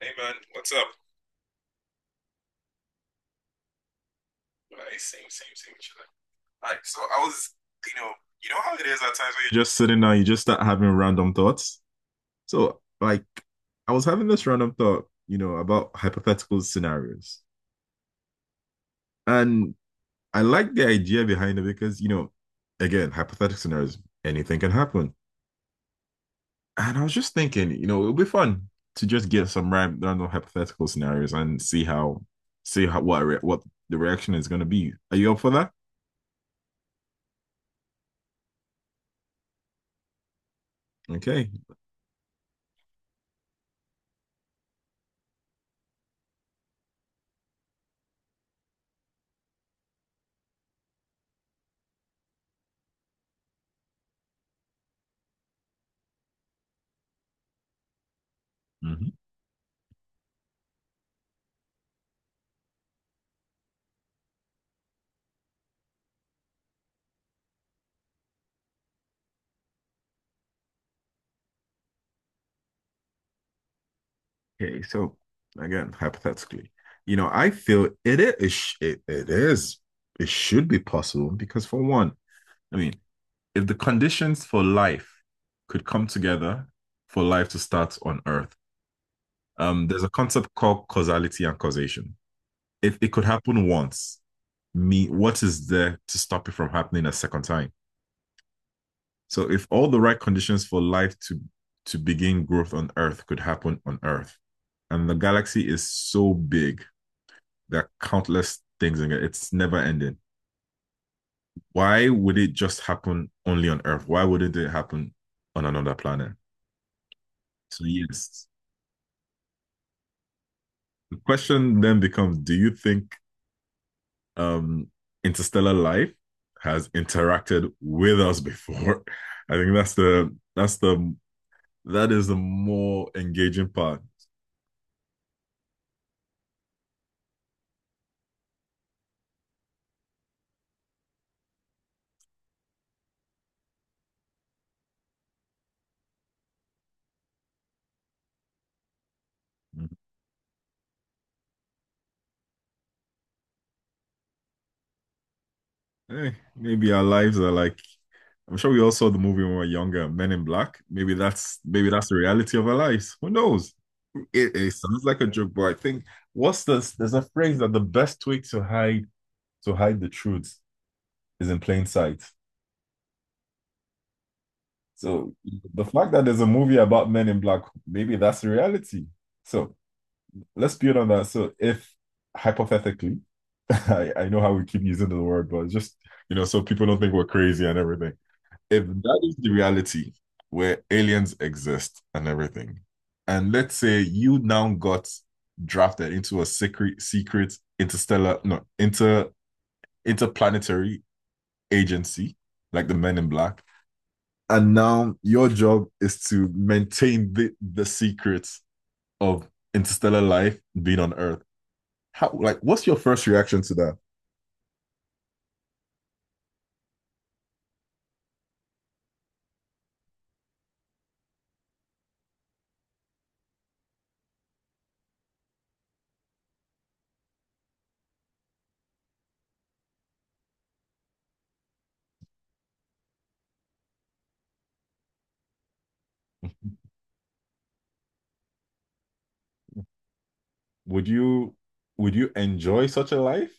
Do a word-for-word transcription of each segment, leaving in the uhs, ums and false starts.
Hey man, what's up? Hey, same, same, same. Chilling. Like, like, so I was, you know, you know how it is at times when you're just sitting down, you just start having random thoughts. So, like, I was having this random thought, you know, about hypothetical scenarios, and I like the idea behind it because, you know, again, hypothetical scenarios, anything can happen. And I was just thinking, you know, it would be fun to just get some ran- random hypothetical scenarios and see how, see how what re- what the reaction is going to be. Are you up for that? Okay. Mm-hmm. Okay, so again, hypothetically, you know, I feel it is it, it is it should be possible because for one, I mean, if the conditions for life could come together for life to start on Earth, um, there's a concept called causality and causation. If it could happen once, me, what is there to stop it from happening a second time? So if all the right conditions for life to to begin growth on Earth could happen on Earth, and the galaxy is so big. There are countless things in it. It's never ending. Why would it just happen only on Earth? Why wouldn't it happen on another planet? So yes, the question then becomes: do you think, um, interstellar life has interacted with us before? I think that's the that's the that is the more engaging part. Hey, maybe our lives are like, I'm sure we all saw the movie when we were younger, Men in Black. Maybe that's maybe that's the reality of our lives. Who knows? It, it sounds like a joke, but I think, what's this? There's a phrase that the best way to hide to hide the truth is in plain sight. So the fact that there's a movie about Men in Black, maybe that's the reality. So let's build on that. So if, hypothetically, I, I know how we keep using the word, but just, you know, so people don't think we're crazy and everything. If that is the reality where aliens exist and everything, and let's say you now got drafted into a secret secret interstellar, no, inter interplanetary agency, like the Men in Black, and now your job is to maintain the the secrets of interstellar life being on Earth. How, like, what's your first reaction to that? Would you would you enjoy such a life?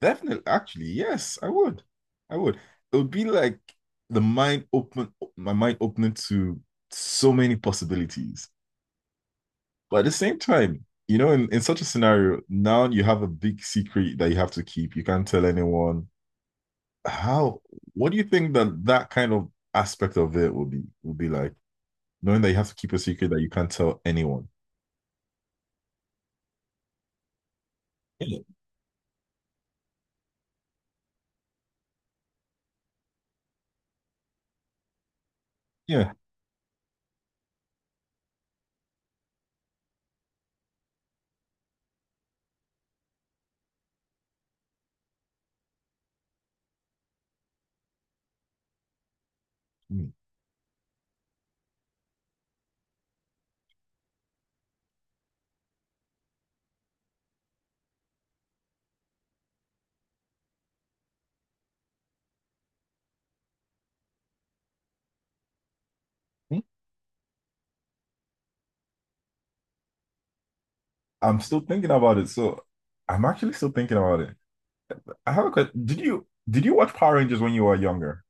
Definitely, actually, yes, I would. I would. It would be like, the mind open, my mind opening to so many possibilities. But at the same time, you know, in, in such a scenario, now you have a big secret that you have to keep. You can't tell anyone. How, what do you think that that kind of aspect of it will be will be like, knowing that you have to keep a secret that you can't tell anyone? Yeah. Yeah. Mm. I'm still thinking about it. So I'm actually still thinking about it. I have a question. Did you did you watch Power Rangers when you were younger?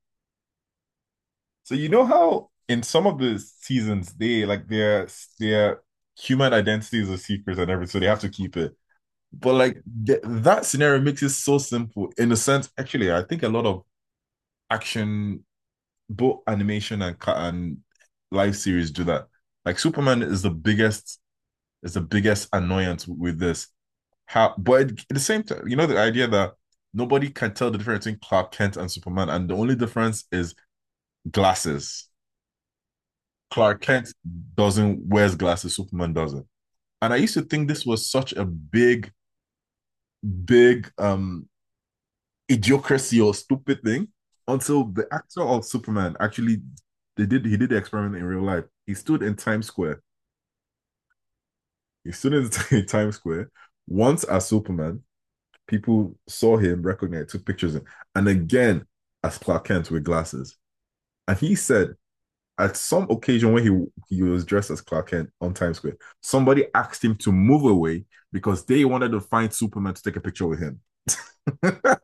So you know how in some of the seasons they, like, their their human identities are secrets and everything, so they have to keep it. But like, th that scenario makes it so simple in a sense. Actually, I think a lot of action, both animation and ca- and live series do that. Like, Superman is the biggest is the biggest annoyance with this. How But at the same time, you know, the idea that nobody can tell the difference between Clark Kent and Superman, and the only difference is glasses. Clark Kent doesn't wears glasses, Superman doesn't. And I used to think this was such a big, big, um idiocracy, or stupid thing, until the actor of Superman actually, they did he did the experiment in real life. He stood in Times Square. He stood in Times Square once as Superman, people saw him, recognized, took pictures, and again as Clark Kent with glasses. And he said at some occasion, when he he was dressed as Clark Kent on Times Square, somebody asked him to move away because they wanted to find Superman to take a picture with him.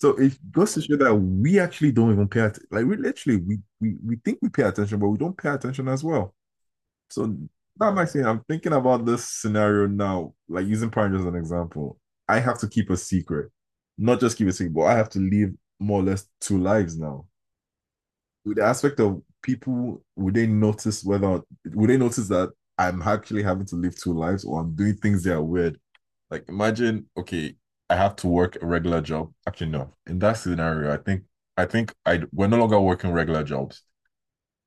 So it goes to show that we actually don't even pay attention. Like, we literally we, we we think we pay attention, but we don't pay attention as well. So, that actually, I'm thinking about this scenario now, like using Prime as an example. I have to keep a secret, not just keep a secret, but I have to live more or less two lives now. With the aspect of people, would they notice whether would they notice that I'm actually having to live two lives, or I'm doing things that are weird? Like imagine, okay, I have to work a regular job. Actually, no. In that scenario, I think I think I we're no longer working regular jobs.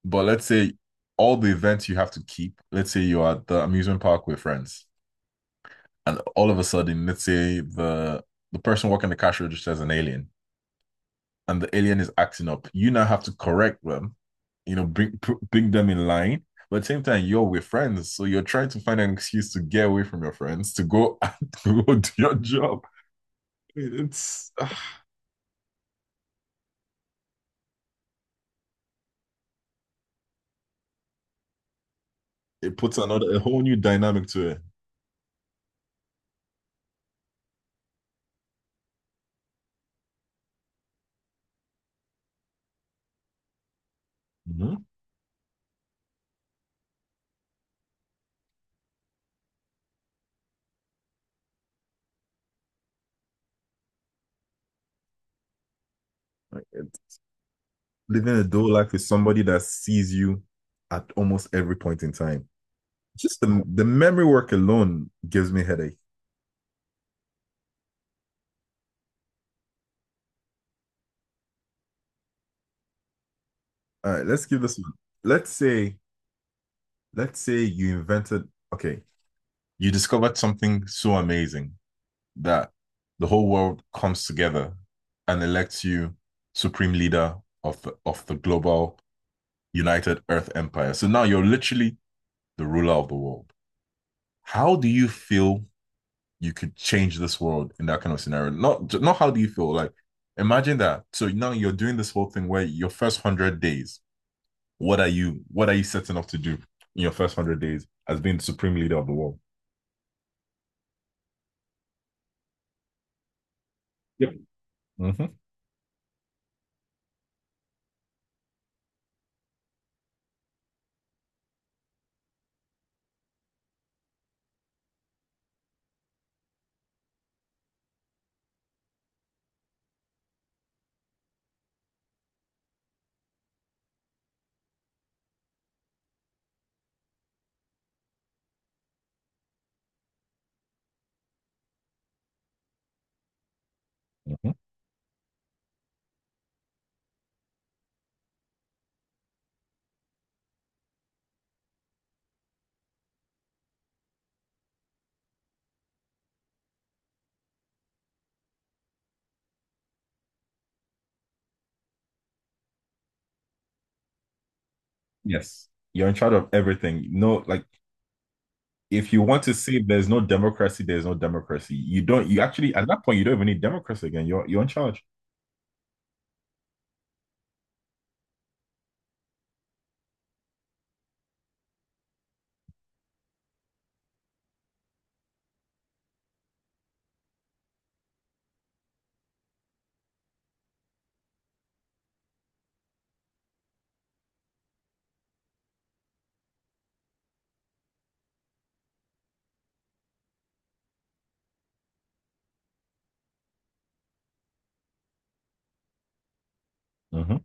But let's say, all the events you have to keep, let's say you're at the amusement park with friends, and all of a sudden, let's say the the person working the cash register is an alien, and the alien is acting up. You now have to correct them, you know, bring bring them in line. But at the same time, you're with friends, so you're trying to find an excuse to get away from your friends to go to go do your job. It's it puts another, a whole new dynamic to it. Mhm. Like, it- living a dual life with somebody that sees you at almost every point in time. Just the, the memory work alone gives me headache. All right, let's give this one. Let's say, let's say you invented, okay, you discovered something so amazing that the whole world comes together and elects you supreme leader of the, of the global United Earth Empire. So now you're literally the ruler of the world. How do you feel you could change this world in that kind of scenario? Not not how do you feel? Like, imagine that. So now you're doing this whole thing where, your first hundred days, what are you what are you setting up to do in your first hundred days as being the supreme leader of the world? Yep. Mhm, mhm. Yes. You're in charge of everything. No, like, if you want to say there's no democracy, there's no democracy. You don't you actually, at that point, you don't even need democracy again. You're you're in charge. Mhm.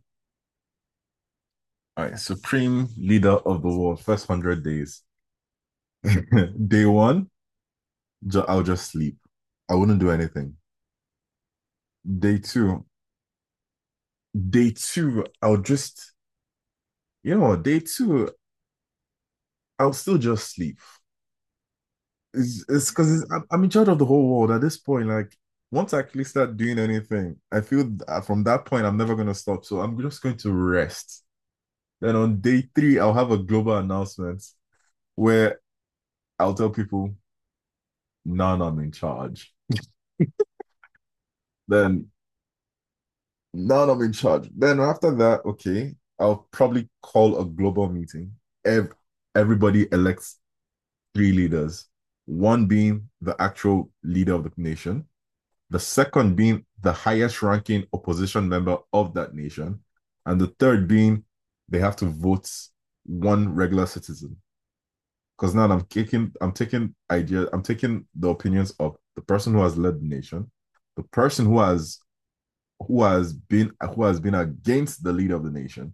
All right. Supreme leader of the world, first hundred days. Day one, Ju- I'll just sleep. I wouldn't do anything. Day two, day two, I'll just, you know what, day two, I'll still just sleep. It's it's because it's, I'm, I'm in charge of the whole world at this point. Like, once I actually start doing anything, I feel that from that point, I'm never going to stop. So I'm just going to rest. Then on day three, I'll have a global announcement where I'll tell people, now I'm in charge. Then, now that I'm in charge. Then after that, okay, I'll probably call a global meeting. Ev Everybody elects three leaders, one being the actual leader of the nation, the second being the highest ranking opposition member of that nation, and the third being, they have to vote, one regular citizen. Because now I'm taking I'm taking ideas, I'm taking the opinions of the person who has led the nation, the person who has who has been who has been against the leader of the nation,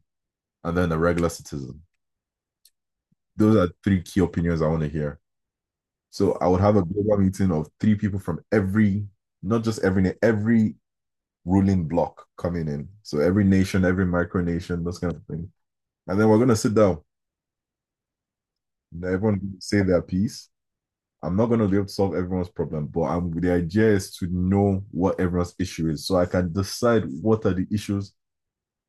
and then the regular citizen. Those are three key opinions I want to hear. So I would have a global meeting of three people from every, not just every every ruling block coming in. So every nation, every micronation, those kind of thing. And then we're gonna sit down. Everyone say their piece. I'm not gonna be able to solve everyone's problem, but I'm, the idea is to know what everyone's issue is, so I can decide what are the issues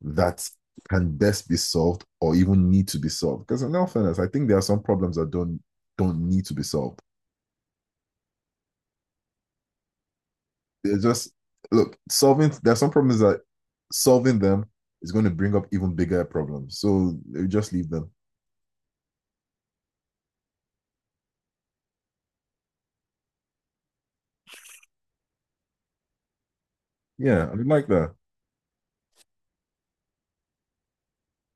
that can best be solved or even need to be solved. Because in all fairness, I think there are some problems that don't don't need to be solved. They're just, look, solving, there are some problems that solving them is going to bring up even bigger problems. So just leave them. Yeah, I mean, like that.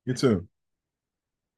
You too.